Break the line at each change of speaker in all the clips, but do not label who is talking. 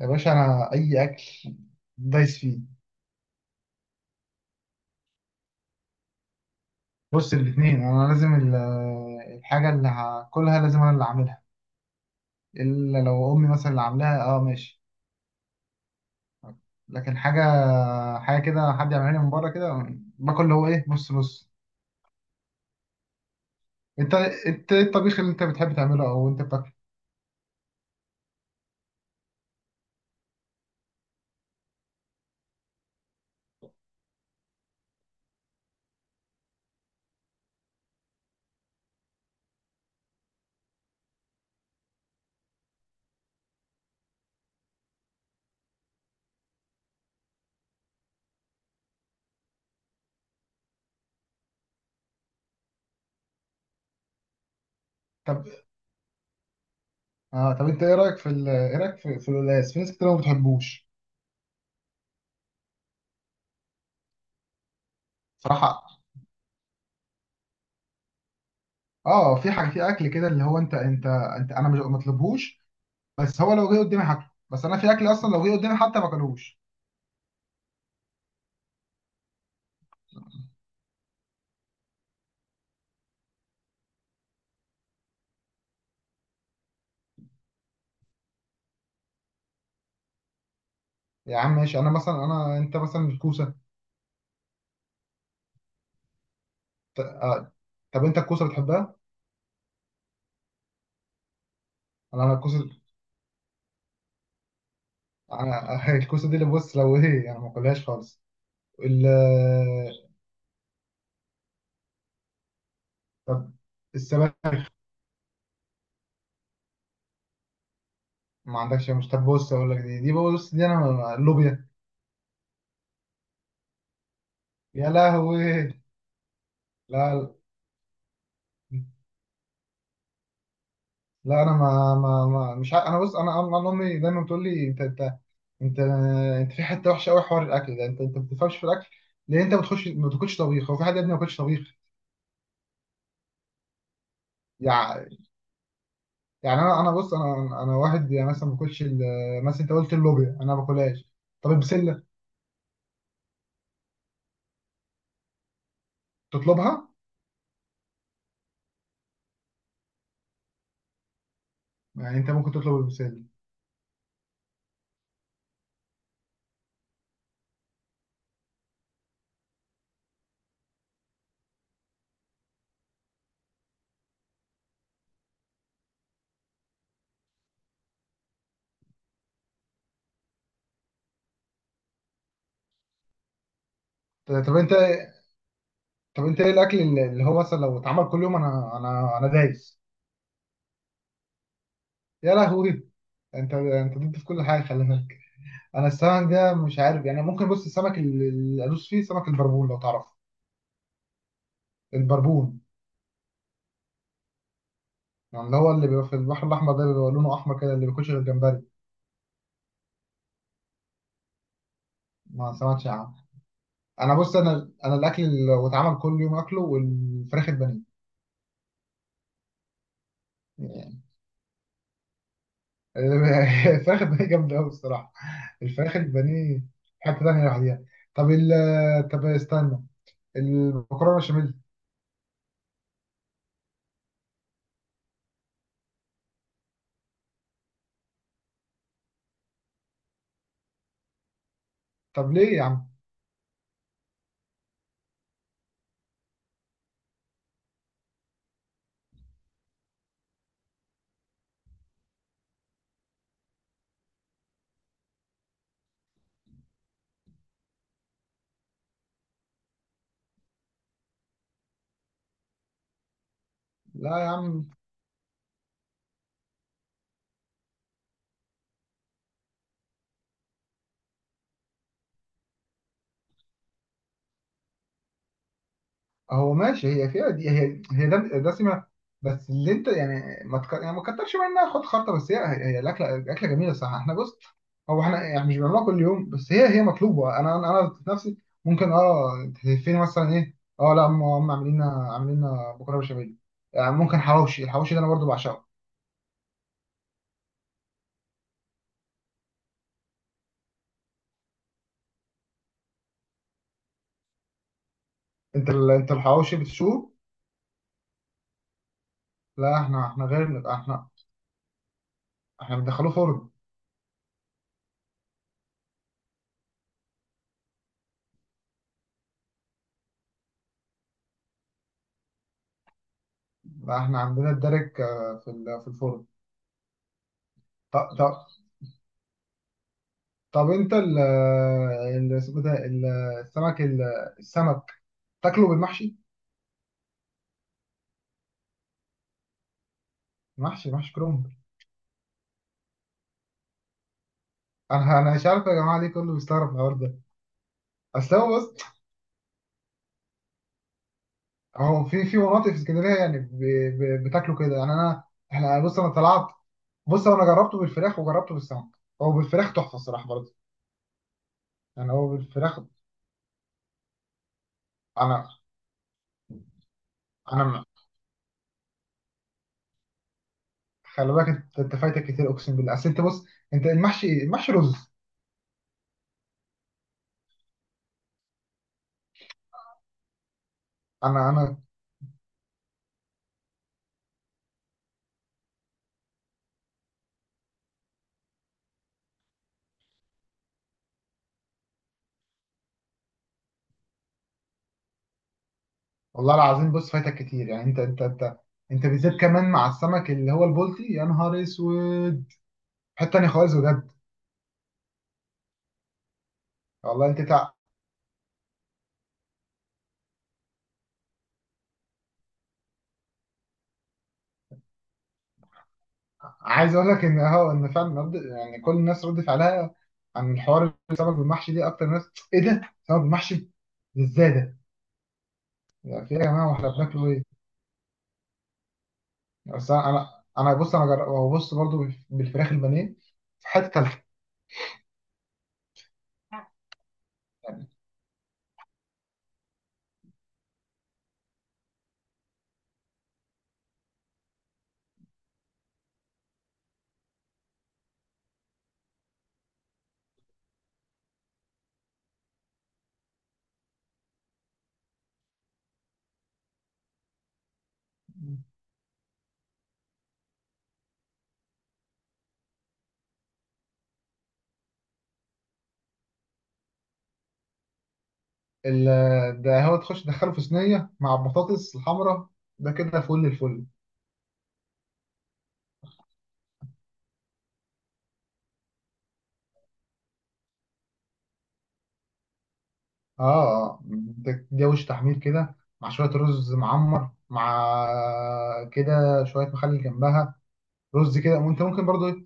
يا باشا، انا اي اكل دايس فيه. بص الاثنين، انا لازم الحاجه اللي هاكلها لازم انا اللي اعملها، الا لو امي مثلا اللي عاملاها اه ماشي. لكن حاجه كده حد يعملها لي من بره كده، باكل اللي هو ايه نص نص. انت انت ايه الطبيخ اللي انت بتحب تعمله او انت بتاكل؟ طب اه طب انت ايه رايك في ايه رايك في القلقاس؟ في ناس كتير ما بتحبوش. صراحه، اه في حاجه في اكل كده اللي هو، انت انا مش مطلبهوش، بس هو لو جه قدامي هاكله. بس انا في اكل اصلا لو جه قدامي حتى ما اكلوش. يا عم ماشي، انا انت مثلا الكوسه. ط- طب انت الكوسه بتحبها؟ انا الكوسه، انا الكوسه دي اللي بص لو ايه يعني ما باكلهاش خالص. ال طب السبانخ. ما عندكش؟ مش طب، بص اقول لك، دي، بص دي انا اللوبيا. يا لهوي. لا، لا انا ما مش ع... انا بص، انا امي دايما بتقول لي، انت انت انت في حته وحشه قوي حوار الاكل ده، انت ما بتفهمش في الاكل. ليه انت ما بتخش، ما بتاكلش طبيخ؟ هو في حد يا ابني ما بياكلش طبيخ؟ يعني يعني انا بص، انا واحد يعني مثلا ما باكلش مثلا انت قلت اللوبيا انا ما باكلهاش. طب البسله تطلبها؟ يعني انت ممكن تطلب البسله. ط- طب انت طب انت ايه الاكل اللي هو مثلا لو اتعمل كل يوم، انا دايس. يا لهوي، انت ضد في كل حاجه، خلي بالك. انا السمك ده مش عارف، يعني ممكن بص السمك اللي ادوس فيه سمك البربون، لو تعرف البربون. يعني اللي هو اللي بيبقى في البحر الاحمر ده، بيبقى لونه احمر كده، اللي بياكلش غير جمبري. ما سمعتش عنه؟ انا بص، انا الاكل اللي لو اتعمل كل يوم اكله، والفراخ البانيه. يعني الفراخ البانيه جامدة أوي الصراحة. الفراخ البانيه حتة تانية لوحديها. طب ال طب استنى، المكرونة بشاميل. طب ليه يا عم؟ لا يا عم، هو ماشي هي فيها دي، دسمة. بس اللي انت يعني ما تك... يعني ما تكترش منها، خد خطة. بس هي الأكلة جميلة الصراحة. احنا بص، هو احنا يعني مش بنعملها كل يوم، بس هي مطلوبة. أنا في نفسي ممكن تهفني مثلا، إيه، اه لا، هم عاملين لنا بكرة بشاميل. يعني ممكن حواوشي، الحواوشي ده أنا برضو بعشقه. انت الحواوشي بتشوه؟ لا، احنا غير، احنا احنا بندخله فرن. لا احنا عندنا الدرك، في في الفرن. ط- ط- طب انت ال ال- اسمه ده، السمك، السمك تاكله بالمحشي. محشي كرنب. انا مش عارف يا جماعه ليه كله بيستغرب الحوار ده. اصل هو بص، هو في مناطق في اسكندريه يعني بتاكله كده. يعني انا، احنا بص، انا طلعت، بص انا جربته بالفراخ وجربته بالسمك. هو بالفراخ تحفه الصراحه برضه. يعني هو بالفراخ، انا انا م- خلي بالك، انت فايتك كتير، اقسم بالله. اصل انت بص، انت المحشي رز. انا انا والله العظيم، بص فايتك كتير، يعني انت انت بالذات كمان مع السمك اللي هو البلطي، يا نهار اسود. حته تانية خالص بجد. والله عايز اقول لك ان هو ان فعلا رد، يعني كل الناس رد فعلها عن الحوار السمك بالمحشي دي، اكتر ناس ايه ده سمك بالمحشي؟ ازاي ده؟ يعني في يا جماعه واحنا بناكله ايه؟ بس انا بص، وبص برضو بالفراخ البانيه في حته تالته. ده هو تخش تدخله في صينيه مع البطاطس الحمراء، ده كده فل الفل. اه ده جوش تحمير كده، مع شوية رز معمر، مع كده شوية مخلل جنبها، رز كده. وانت ممكن برضو ايه،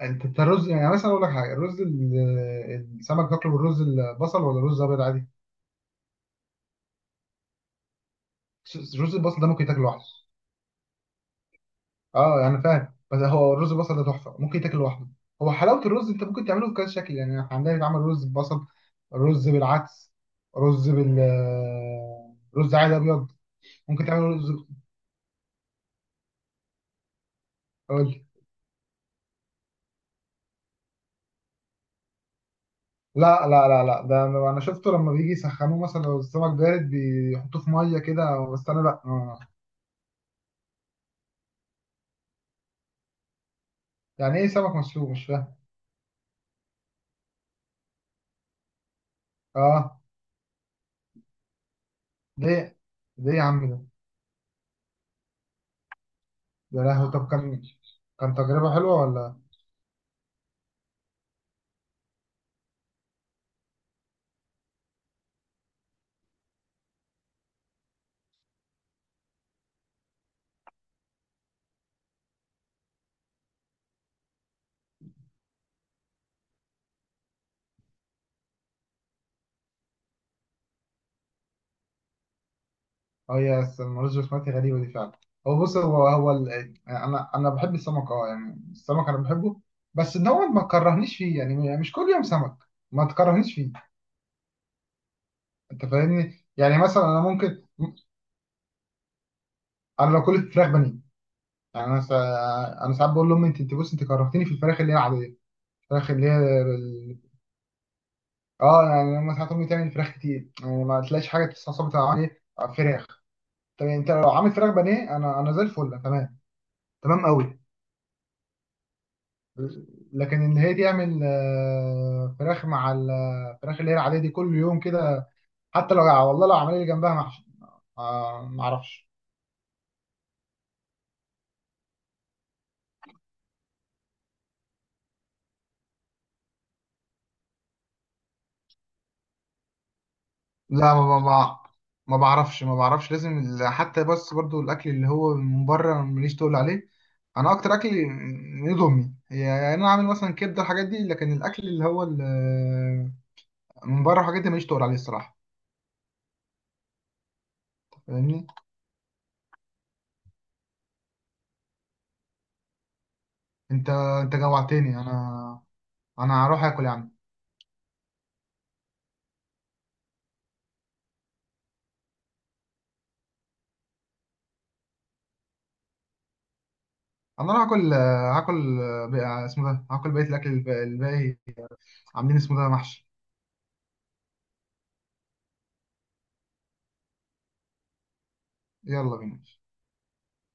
انت الرز، يعني مثلا اقول لك حاجة، الرز السمك تاكله بالرز البصل ولا رز ابيض عادي؟ رز البصل ده ممكن تاكله لوحده. اه يعني فاهم، بس هو الرز البصل ده تحفة ممكن تاكله لوحده. هو حلاوة الرز انت ممكن تعمله بكذا شكل، يعني احنا عندنا بيتعمل رز ببصل، رز بالعدس، رز بال رز عادي ابيض. ممكن تعمل رز. لا، لا، لا، لا، ده انا شفته لما بيجي يسخنوه، مثلا لو السمك بارد بيحطوه في ميه كده. بس انا لا، يعني ايه سمك مسلوق؟ مش فاهم. اه، ليه؟ ليه يا عم ده؟ يا لهوي. طب كان تجربه حلوه ولا؟ اه، المرز البسمتي غريبه دي فعلا. هو بص، يعني انا بحب السمك. اه، يعني السمك انا بحبه، بس ان هو ما تكرهنيش فيه، يعني مش كل يوم سمك، ما تكرهنيش فيه. انت فاهمني، يعني مثلا انا ممكن، انا لو كلت فراخ بانيه، يعني انا ساعات بقول لامي، انت بص انت كرهتني في الفراخ اللي هي العاديه، الفراخ اللي هي اه، يعني لما ساعات امي تعمل فراخ كتير يعني ما تلاقيش حاجه تستعصب عليه فراخ. طب يعني انت لو عامل فراخ بانيه، انا زي الفل تمام، تمام قوي. لكن ان هي تعمل فراخ مع الفراخ اللي هي العاديه دي كل يوم كده، حتى لو، والله لو عمل لي جنبها محشي، ما اعرفش. لا ما بعرفش، ما بعرفش، لازم حتى، بس برضو الاكل اللي هو من بره ماليش تقول عليه. انا اكتر اكل من ايد امي هي، يعني انا عامل مثلا كبده، الحاجات دي. لكن الاكل اللي هو من بره، الحاجات دي ماليش تقول عليه الصراحه. فاهمني؟ انت انت جوعتني انا هروح اكل يعني. انا هروح اكل، هاكل اسمه ده، هاكل بقيه الاكل الباقي. عاملين اسمه ده محشي. يلا بينا.